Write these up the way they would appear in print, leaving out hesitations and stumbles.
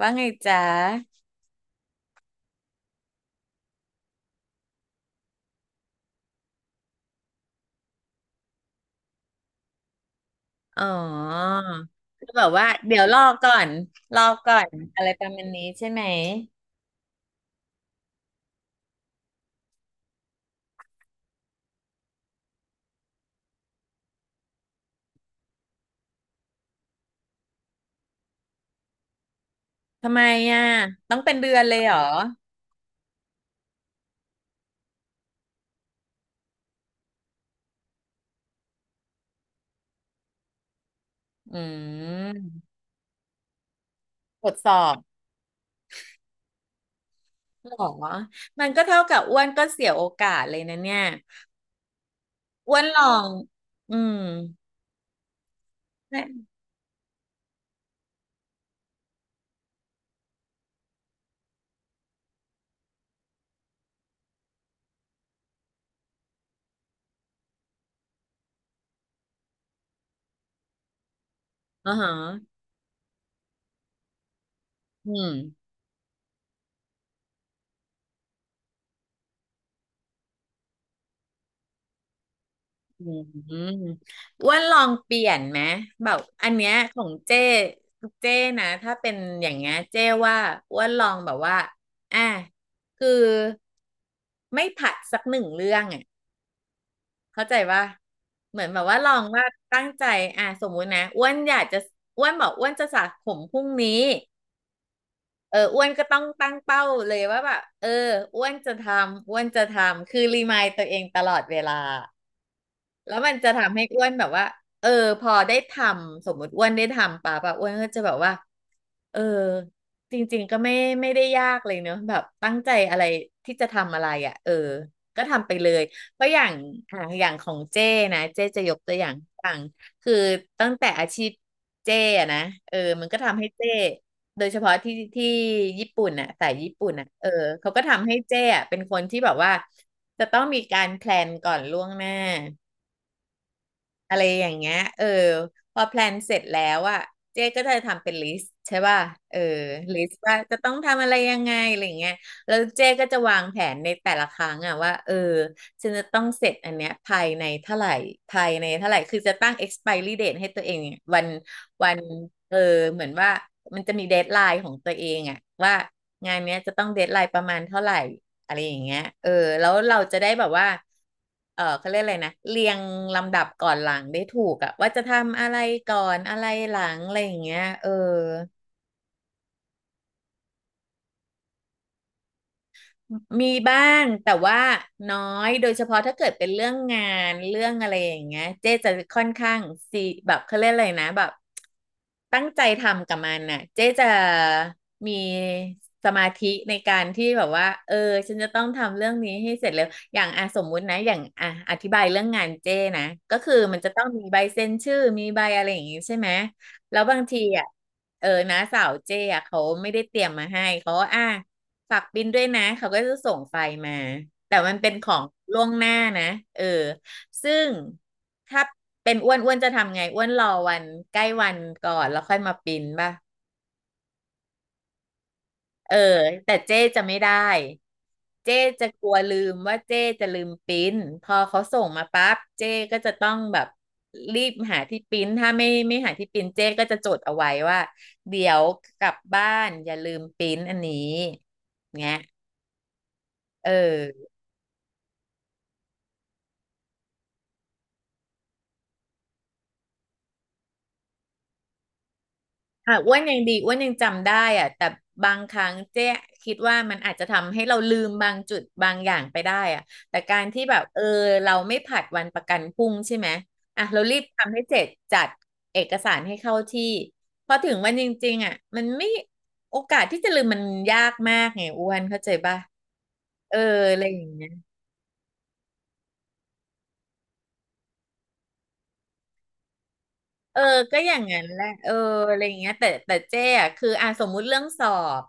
ว่าไงจ๊ะ อ๋อก็แบบว่าเดี๋ยวรอก่อน รอก่อนอะไรประมาณนี้ใช่ไหม ทำไมอ่ะ ต้องเป็นเดือนเลยเหรอ อืมทดสอบเหรอมันก็เท่ากับอ้วนก็เสียโอกาสเลยนะเนี่ยอ้วนลอง อืมเนี่ยอ๋อฮะอืม อืมอ้วนลองเปลี่ยนไหมแบบอันเนี้ยของเจ้เจ้นะถ้าเป็นอย่างเงี้ยเจ้ว่าอ้วนลองแบบว่าอ่ะคือไม่ผัดสักหนึ่งเรื่องอ่ะเข้าใจว่าเหมือนแบบว่าลองว่าตั้งใจอ่ะสมมุตินะอ้วนอยากจะอ้วนบอกอ้วนจะสระผมพรุ่งนี้เอออ้วนก็ต้องตั้งเป้าเลยว่าแบบเอออ้วนจะทำอ้วนจะทำคือรีมายตัวเองตลอดเวลา แล้วมันจะทำให้อ้วนแบบว่าเออพอได้ทำสมมติอ้วนได้ทำป่ะป่ะอ้วนก็จะแบบว่าเออจริงๆก็ไม่ไม่ได้ยากเลยเนอะแบบตั้งใจอะไรที่จะทำอะไรอ่ะเออก็ทำไปเลยเพราะอย่างอ่ะอย่างของเจ้นะเจ้จะยกตัวอย่างต่างคือตั้งแต่อาชีพเจ้อะนะเออมันก็ทำให้เจ้โดยเฉพาะที่ญี่ปุ่นน่ะสายญี่ปุ่นน่ะเออเขาก็ทำให้เจ้อะเป็นคนที่แบบว่าจะต้องมีการแพลนก่อนล่วงหน้า อะไรอย่างเงี้ยเออพอแพลนเสร็จแล้วอะเจ๊ก็จะทำเป็นลิสต์ใช่ป่ะเออลิสต์ว่าจะต้องทำอะไรยังไงอะไรอย่างเงี้ยแล้วเจ๊ก็จะวางแผนในแต่ละครั้งอะว่าเออฉันจะต้องเสร็จอันเนี้ยภายในเท่าไหร่ภายในเท่าไหร่คือจะตั้ง expiry date ให้ตัวเองเนี่ยวันวันเออเหมือนว่ามันจะมีเดดไลน์ของตัวเองอะว่างานเนี้ยจะต้องเดดไลน์ประมาณเท่าไหร่ อะไรอย่างเงี้ยเออ แล้วเราจะได้แบบว่า เออ เขาเรียกอะไรนะเรียงลำดับก่อนหลังได้ถูกอะว่าจะทำอะไรก่อนอะไรหลังอะไรอย่างเงี้ยเออ มีบ้างแต่ว่าน้อยโดยเฉพาะถ้าเกิดเป็นเรื่องงานเรื่องอะไรอย่างเงี้ยเจ๊จะค่อนข้างซีแบบเขาเรียกอะไรนะแบบตั้งใจทำกับมันน่ะเจ๊จะมีสมาธิในการที่แบบว่าเออฉันจะต้องทำเรื่องนี้ให้เสร็จเร็วอย่างอ่ะสมมุตินะอย่างอ่ะอธิบายเรื่องงานเจ๊นะก็คือมันจะต้องมีใบเซ็นชื่อมีใบอะไรอย่างงี้ใช่ไหม แล้วบางทีอ่ะ เออนะสาวเจ้อะเขาไม่ได้เตรียมมาให้ เขาก็อ่ะฝากบินด้วยนะ เขาก็จะส่งไฟล์มา แต่มันเป็นของล่วงหน้านะ เออ ซึ่งถ้าเป็นอ้วนอ้วนจะทำไงอ้วนรอวันใกล้วันก่อนแล้วค่อยมาปริ้นป่ะ เออ แต่เจ๊จะไม่ได้เจ๊จะกลัวลืมว่าเจ๊จะลืมปริ้นพอเขาส่งมาปั๊บเจ๊ก็จะต้องแบบรีบหาที่ปริ้นถ้าไม่หาที่ปริ้นเจ๊ก็จะจดเอาไว้ว่าเดี๋ยวกลับบ้านอย่าลืมปริ้นอันนี้เงี้ยเออ ค่ะอ้วนยังดีอ้วนยังจำได้อะแต่บางครั้งเจ๊คิดว่ามันอาจจะทำให้เราลืมบางจุดบางอย่างไปได้อะแต่การที่แบบเออเราไม่ผัดวันประกันพรุ่งใช่ไหมอ่ะเรารีบทำให้เสร็จจัดเอกสารให้เข้าที่พอถึงวันจริงๆอ่ะมันไม่โอกาสที่จะลืมมันยากมากไงอ้วนเข้าใจป่ะเอออะไรอย่างเงี้ย เออก็อย่างนั้นแหละเอออะไรอย่างเงี้ยแต่เจ๊อะคืออ่ะสมมุติเรื่องสอบ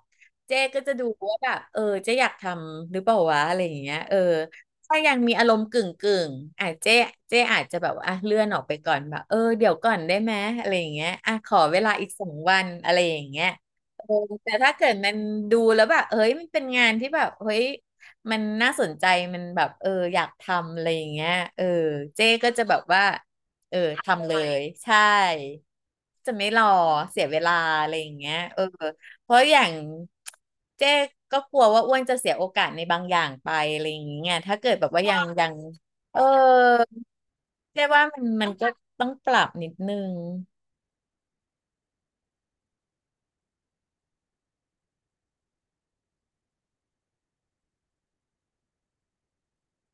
เจ๊ก็จะดูว่าแบบเออเจ๊อยากทำหรือเปล่าวะอะไรอย่างเงี้ยเออถ้ายังมีอารมณ์กึ่งกึ่งอ่ะเจ๊อาจจะแบบว่าอ่ะเลื่อนออกไปก่อนแบบเออเดี๋ยวก่อนได้ไหมอะไรอย่างเงี้ยอ่ะขอเวลาอีก2 วันอะไรอย่างเงี้ยเออแต่ถ้าเกิดมันดูแล้วแบบเฮ้ยมันเป็นงานที่แบบเฮ้ยมันน่าสนใจมันแบบเอออยากทำอะไรอย่างเงี้ยเออเจ๊ก็จะแบบว่า เออทำเลไมยใช่จะไม่รอเสียเวลาอะไรอย่างเงี้ยเออเพราะอย่างเจ๊ก็กลัวว่าอ้วนจะเสียโอกาสในบางอย่างไปอะไรอย่างเงี้ยถ้าเกิดแบบว่ายัง ยังเออเจ๊ว่ามันก็ต้องปรับนิดนึง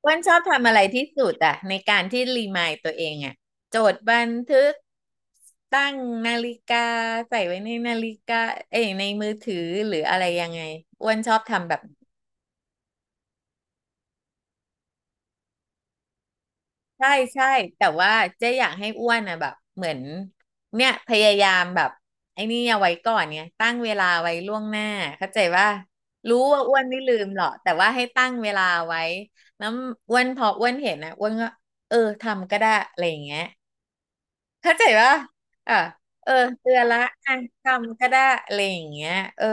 อ้วนชอบทำอะไรที่สุดอะในการที่รีมายตัวเองอะจดบันทึกตั้งนาฬิกาใส่ไว้ในนาฬิกาเอ้ยในมือถือหรืออะไรยังไงอ้วนชอบทำแบบ ใช่ใช่แต่ว่าเจ๊อยากให้อ้วนนะแบบเหมือนเนี่ยพยายามแบบไอ้นี่เอาไว้ก่อนเนี่ยตั้งเวลาไว้ล่วงหน้าเข้าใจว่ารู้ว่าอ้วนไม่ลืมหรอกแต่ว่าให้ตั้งเวลาไว้แล้วอ้วนพออ้วนเห็นนะอ้วนก็เออทำก็ได้อะไรอย่างเงี้ยเข้าใจว่าอ่ะเออเตือนละอ่ะทำก็ได้อะไรอย่างเงี้ยเออ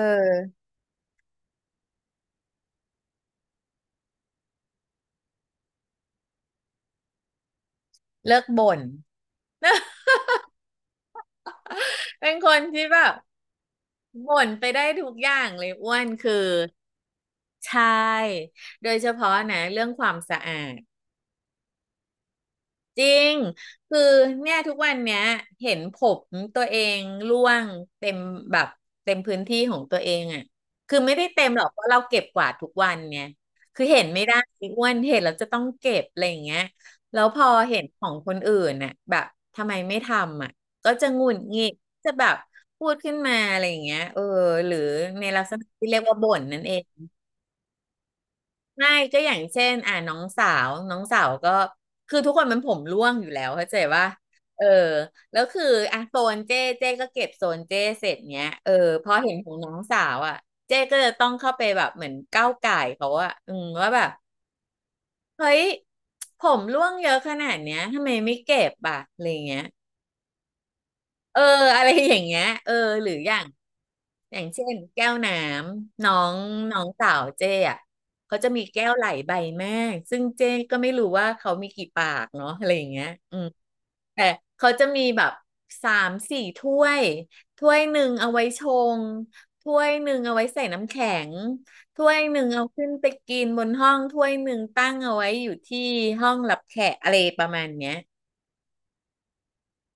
เลิกบ่นเป็นคนที่แบบบ่นไปได้ทุกอย่างเลยอ้วนคือ ใช่โดยเฉพาะนะเรื่องความสะอาดจริงคือเนี่ยทุกวันเนี้ยเห็นผมตัวเองร่วงเต็มแบบเต็มพื้นที่ของตัวเองอ่ะคือไม่ได้เต็มหรอกเพราะเราเก็บกวาดทุกวันเนี่ยคือเห็นไม่ได้อ้วนเห็นเราจะต้องเก็บอะไรอย่างเงี้ยแล้วพอเห็นของคนอื่นน่ะแบบทำไมไม่ทำอ่ะก็จะหงุดหงิดจะแบบพูดขึ้นมาอะไรอย่างเงี้ยเออหรือในลักษณะที่เรียกว่าบ่นนั่นเอง ไม่ก็อย่างเช่นอ่าน้องสาวก็คือทุกคนมันผมร่วงอยู่แล้วเข้าใจว่าเออแล้วคืออ่ะโซนเจ้ก็เก็บโซนเจ้เสร็จเนี้ยเออพอเห็นของน้องสาวอ่ะเจ้ก็จะต้องเข้าไปแบบเหมือนก้าวก่ายเขาอ่ะอืมว่าแบบเฮ้ยผมร่วงเยอะขนาดเนี้ยทำไมไม่เก็บอ่ะอะไรเงี้ยเอออะไรอย่างเงี้ยเออหรืออย่าง อย่างเช่นแก้วน้ำน้องน้องสาวเจ้อะเขาจะมีแก้วไหลใบแม่ซึ่งเจ้ก็ไม่รู้ว่าเขามีกี่ปากเนาะอะไรอย่างเงี้ยอืมแต่เขาจะมีแบบสามสี่ถ้วยถ้วยหนึ่งเอาไว้ชงถ้วยหนึ่งเอาไว้ใส่น้ำแข็งถ้วยหนึ่งเอาขึ้นไปกินบนห้องถ้วยหนึ่งตั้งเอาไว้อยู่ที่ห้องรับแขกอะไรประมาณเนี้ย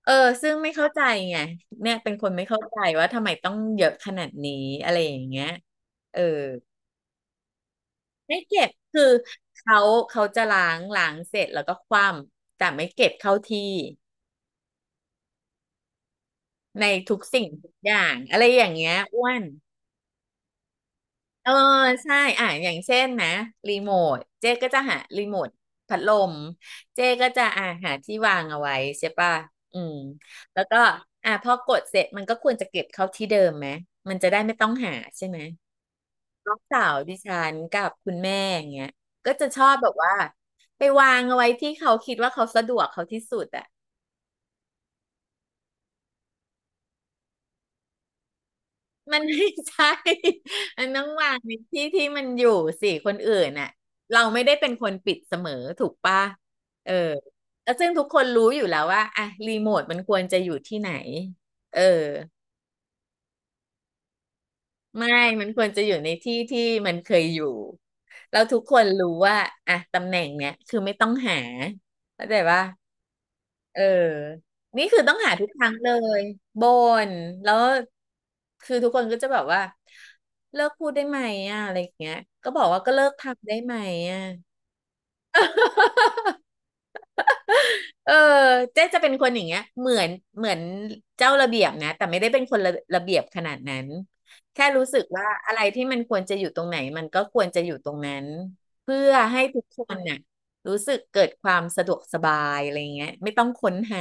เออซึ่งไม่เข้าใจไงเนี่ยเป็นคนไม่เข้าใจว่าทำไมต้องเยอะขนาดนี้อะไรอย่างเงี้ยเออไม่เก็บคือเขาเขาจะล้างเสร็จแล้วก็คว่ำแต่ไม่เก็บเข้าที่ในทุกสิ่งทุกอย่างอะไรอย่างเงี้ยอ้วน เออใช่อ่ะอย่างเช่นนะรีโมทเจ๊ก็จะหารีโมทพัดลมเจ๊ก็จะอ่ะหาที่วางเอาไว้ใช่ป่ะอืมแล้วก็อ่ะพอกดเสร็จมันก็ควรจะเก็บเข้าที่เดิมไหมมันจะได้ไม่ต้องหาใช่ไหมน้องสาวดิฉันกับคุณแม่อย่างเงี้ยก็จะชอบแบบว่าไปวางเอาไว้ที่เขาคิดว่าเขาสะดวกเขาที่สุดอะ มันไม่ใช่ มันต้องวางในที่ที่มันอยู่สิคนอื่นน่ะเราไม่ได้เป็นคนปิดเสมอถูกปะเออแล้วซึ่งทุกคนรู้อยู่แล้วว่าอะรีโมทมันควรจะอยู่ที่ไหนเออไม่มันควรจะอยู่ในที่ที่มันเคยอยู่เราทุกคนรู้ว่าอะตำแหน่งเนี้ยคือไม่ต้องหาเข้าใจปะ เออนี่คือต้องหาทุกครั้งเลยบ่นแล้วคือทุกคนก็จะแบบว่าเลิกพูดได้ไหมอ่ะอะไรอย่างเงี้ยก็บอกว่าก็เลิกทำได้ไหมอ่ะ เออเจ๊จะเป็นคนอย่างเงี้ยเหมือนเจ้าระเบียบนะแต่ไม่ได้เป็นคนระเบียบขนาดนั้นแค่รู้สึกว่าอะไรที่มันควรจะอยู่ตรงไหนมันก็ควรจะอยู่ตรงนั้นเพื่อให้ทุกคนน่ะรู้สึกเกิดความสะดวกสบายอะไรอย่างเงี้ยไม่ต้องค้นหา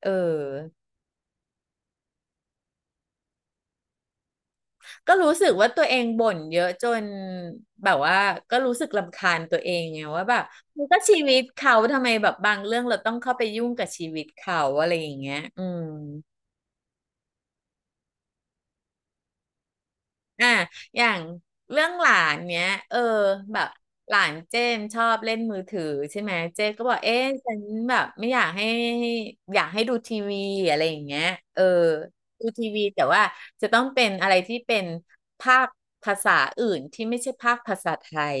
เออ ก็รู้สึกว่าตัวเองบ่นเยอะจนแบบว่าก็รู้สึกรำคาญตัวเองไงว่าแบบมันก็ชีวิตเขาทำไมแบบบางเรื่องเราต้องเข้าไปยุ่งกับชีวิตเขาอะไรอย่างเงี้ยอืมอ่ะอย่างเรื่องหลานเนี้ยเออแบบหลานเจมชอบเล่นมือถือใช่ไหมเจนก็บอกเอ๊ะฉันแบบไม่อยากให้อยากให้ดูทีวีอะไรอย่างเงี้ยเออดูทีวีแต่ว่าจะต้องเป็นอะไรที่เป็นภาคภาษาอื่นที่ไม่ใช่ภาคภาษาไทย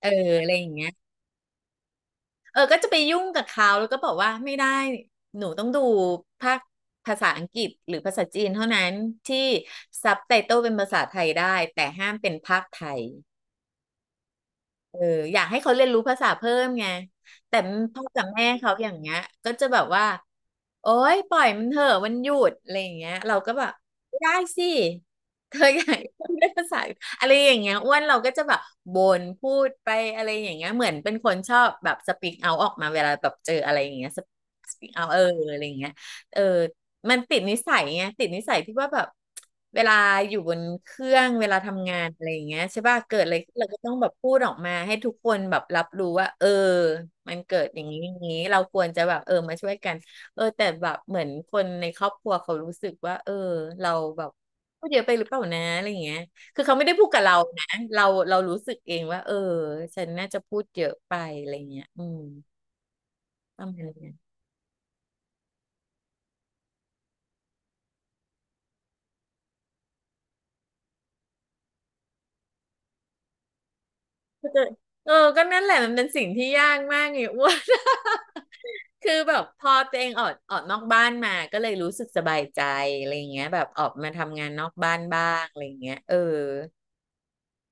เอออะไรอย่างเงี้ยเออก็จะไปยุ่งกับเขาแล้วก็บอกว่าไม่ได้หนูต้องดูภาคภาษาอังกฤษหรือภาษาจีนเท่านั้นที่ซับไตเติลเป็นภาษาไทยได้แต่ห้ามเป็นภาคไทย เอออยากให้เขาเรียนรู้ภาษาเพิ่มไงแต่พ่อกับแม่เขาอย่างเงี้ยก็จะแบบว่าโอ๊ยปล่อยมันเถอะมันหยุดอะไรอย่างเงี้ยเราก็แบบไม่ได้สิเธออยากได้ภาษาอะไรอย่างเงี้ยอ้วนเราก็จะแบบบ่นพูดไปอะไรอย่างเงี้ยเหมือนเป็นคนชอบแบบสปีกเอาออกมาเวลาแบบเจออะไรอย่างเงี้ยสปีกเอาเอออะไรอย่างเงี้ยเออ มันติดนิสัยไงติดนิสัยที่ว่าแบบเวลาอยู่บนเครื่องเวลาทำงานอะไรอย่างเงี้ยใช่ป่ะเกิดอะไรขึ้นเราก็ต้องแบบพูดออกมาให้ทุกคนแบบรับรู้ว่าเออมันเกิดอย่างนี้อย่างนี้เราควรจะแบบเออมาช่วยกันเออแต่แบบเหมือนคนในครอบครัวเขารู้สึกว่าเออเราแบบพูดเยอะไปหรือเปล่านะอะไรอย่างเงี้ยคือเขาไม่ได้พูดกับเรานะเราเรารู้สึกเองว่าเออฉันน่าจะพูดเยอะไปอะไรอย่างเงี้ยอืมประมาณเนี้ยก็จะเออก็นั่นแหละมันเป็นสิ่งที่ยากมากไง อ้วน คือแบบพอตัวเองออกนอกบ้านมา ก็เลยรู้สึกสบายใจอะไรอย่างเงี้ยแบบออกมาทำงานนอกบ้านบ้างอะไรอย่างเงี้ยเออ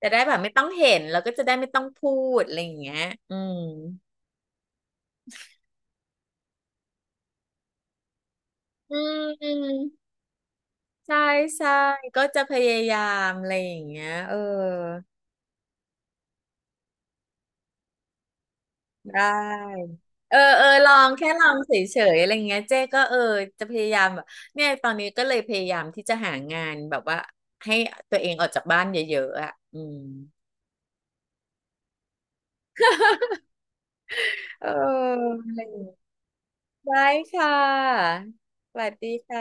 จะได้แบบไม่ต้องเห็นแล้วก็จะได้ไม่ต้องพูดอะไรอย่างเงี้ยอืมอืมใช่ใช่ก็จะพยายามอะไรอย่างเงี้ยเออได้เออลองแค่ลองเฉยๆอะไรเงี้ยเจ๊ก็เออจะพยายามแบบเนี่ยตอนนี้ก็เลยพยายามที่จะหางานแบบว่าให้ตัวเองออกจากบ้านเยอะๆอ่ะอืม เอออะไรอย่างเงี้ยได้ค่ะ สวัสดีค่ะ